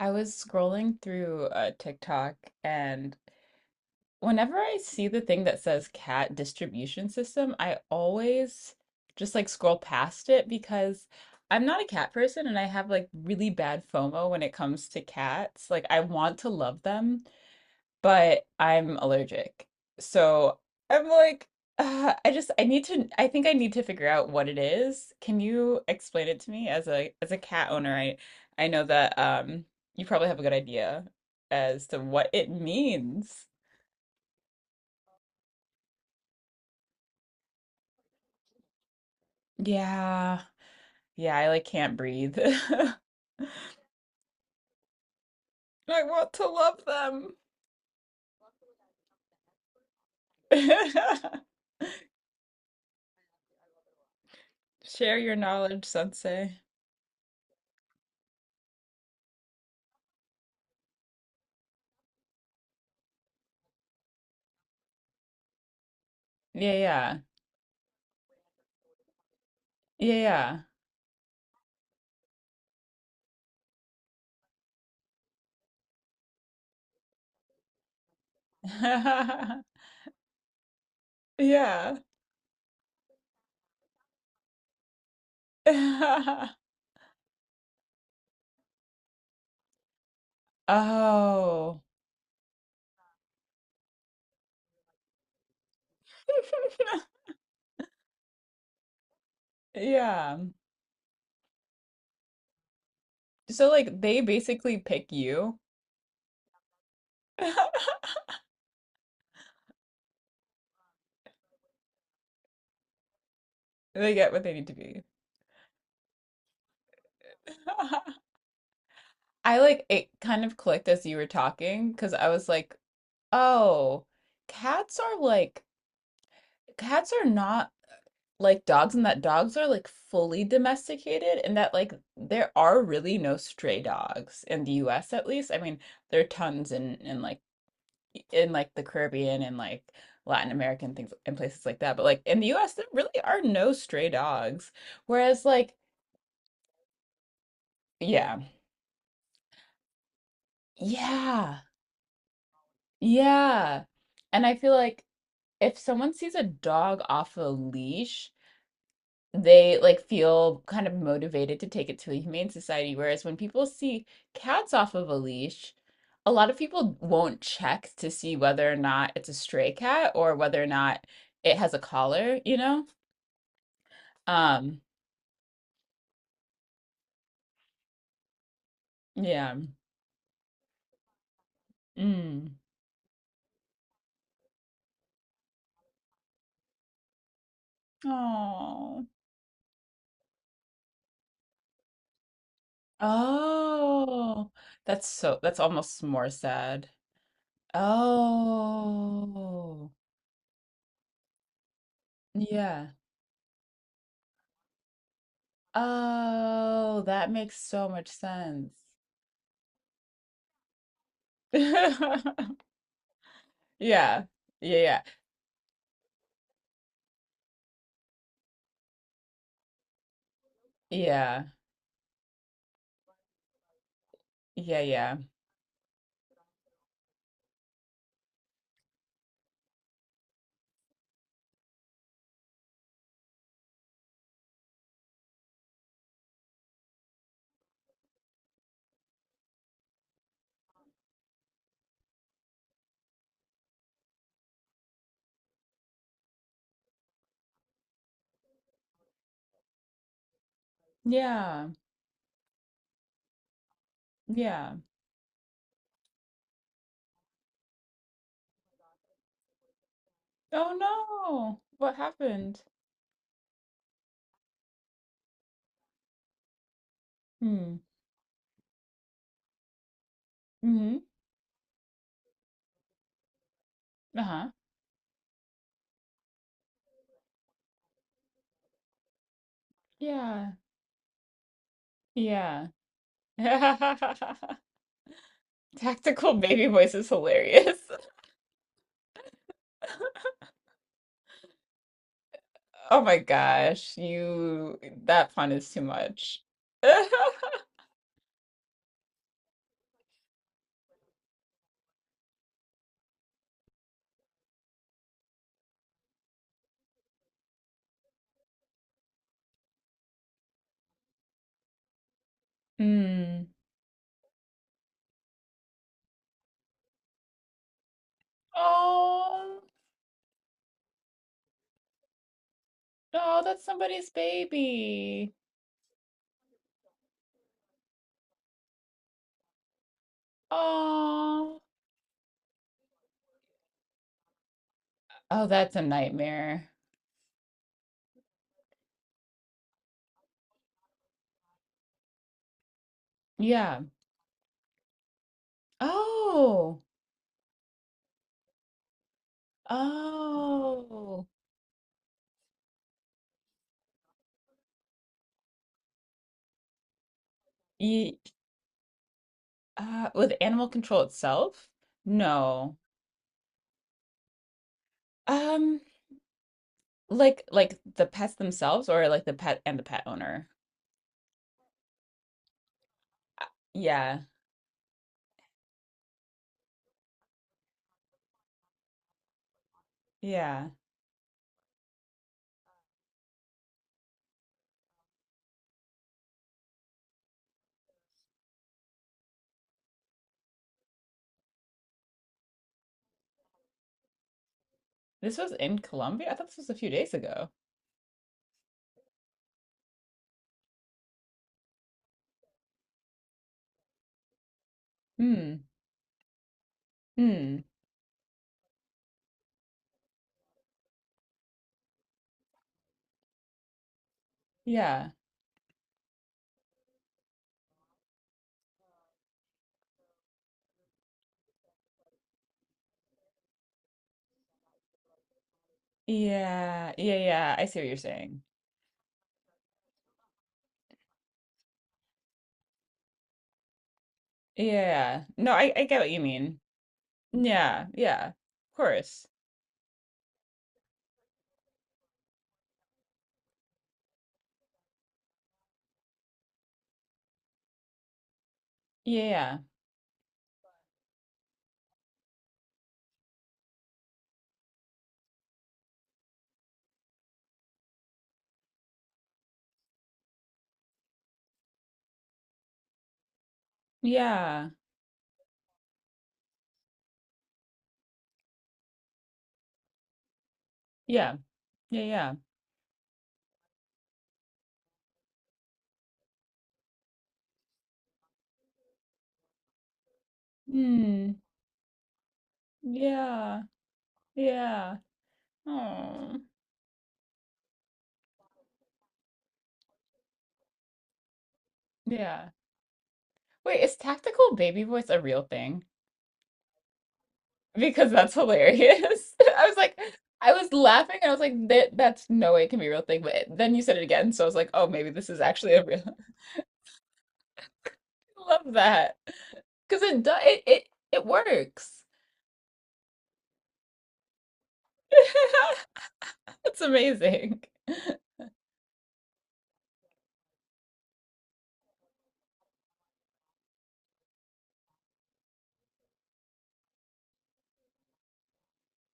I was scrolling through TikTok, and whenever I see the thing that says cat distribution system, I always just like scroll past it because I'm not a cat person and I have like really bad FOMO when it comes to cats. Like, I want to love them, but I'm allergic. So I'm like, I just I think I need to figure out what it is. Can you explain it to me as a cat owner? I know that you probably have a good idea as to what it means. Yeah. Yeah, I like can't breathe. I want to love them. Share your knowledge, sensei. Yeah, yeah. Yeah, yeah. Yeah. Oh. Yeah. So like they basically pick you. They get what they need to be. I like it kind of clicked as you were talking because I was like, oh, cats are like cats are not like dogs, and that dogs are like fully domesticated, and that like there are really no stray dogs in the US at least. I mean, there are tons in in like the Caribbean and like Latin American things and places like that. But like in the US, there really are no stray dogs. Whereas like, yeah, yeah, yeah. And I feel like if someone sees a dog off a leash, they like feel kind of motivated to take it to a humane society. Whereas when people see cats off of a leash, a lot of people won't check to see whether or not it's a stray cat or whether or not it has a collar, you know? Um, yeah. Mm. Oh. Oh, that's so that's almost more sad. Oh, yeah. Oh, that makes so much sense. Yeah. Yeah, yeah. Yeah. Yeah, yeah. Yeah. Yeah. Oh no. What happened? Hmm. Mm-hmm. Uh-huh. Yeah. Yeah. Tactical baby voice is hilarious. Oh my gosh, you that fun is too much. Mm. Oh, no, that's somebody's baby. Oh, oh, that's a nightmare. Yeah. Oh, oh, Ye with animal control itself? No. Um, like the pets themselves, or like the pet and the pet owner. Uh, Yeah, yeah. This was in Colombia. I thought this was a few days ago. Hmm. Hmm. Yeah. Yeah. Yeah. Yeah. I see what you're saying. Yeah. No, I get what you mean. Yeah. Yeah. Of course. Yeah. Yeah. Yeah. Yeah. Yeah. Hmm. Yeah. Yeah. Oh. Yeah. Wait, is tactical baby voice a real thing? Because that's hilarious. I was like, I was laughing and I was like, that's no way it can be a real thing. But then you said it again, so I was like, oh, maybe this is actually a real. Love that. Because it does it it works. It's amazing.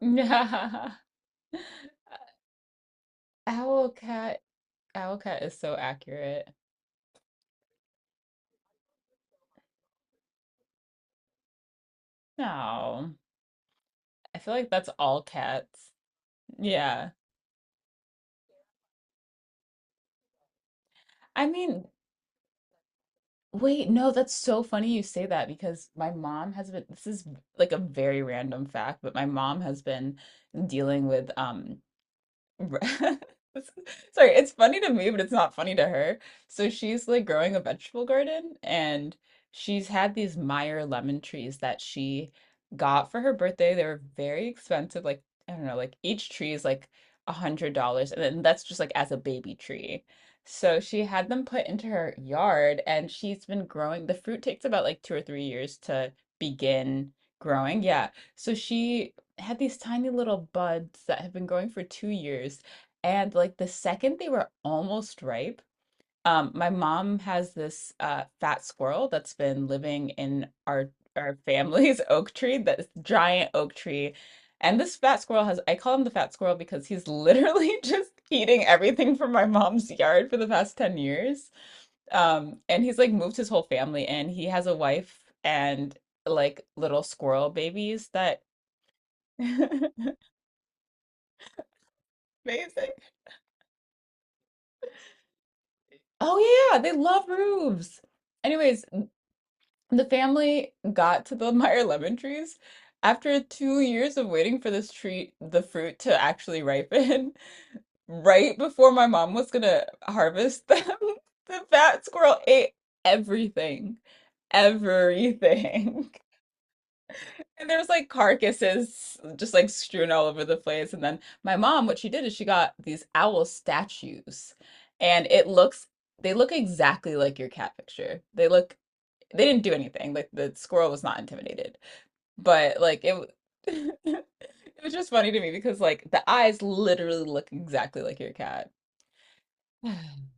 Yeah. owl cat. Owl cat is so accurate. No. I feel like that's all cats. Yeah. I mean, wait, no, that's so funny you say that because my mom has been this is like a very random fact, but my mom has been dealing with Ri- Sorry, it's funny to me, but it's not funny to her. So she's like growing a vegetable garden, and she's had these Meyer lemon trees that she got for her birthday. They were very expensive, like I don't know, like each tree is like $100, and then that's just like as a baby tree. So she had them put into her yard, and she's been growing. The fruit takes about like 2 or 3 years to begin growing. Yeah. So she had these tiny little buds that have been growing for 2 years. And like the second they were almost ripe, my mom has this fat squirrel that's been living in our family's oak tree, this giant oak tree. And this fat squirrel has, I call him the fat squirrel because he's literally just eating everything from my mom's yard for the past 10 years. And he's like moved his whole family in. He has a wife and like little squirrel babies that amazing. Oh yeah, they love roofs. Anyways, the family got to the Meyer lemon trees after 2 years of waiting for this tree, the fruit to actually ripen. Right before my mom was gonna harvest them, the fat squirrel ate everything. Everything. And there was like carcasses just like strewn all over the place. And then my mom, what she did is she got these owl statues. And it looks, they look exactly like your cat picture. They look, they didn't do anything. Like the squirrel was not intimidated. But like it, it was just funny to me because like the eyes literally look exactly like your cat.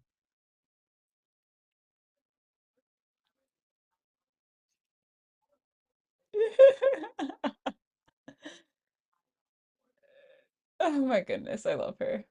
Oh my goodness, I love her.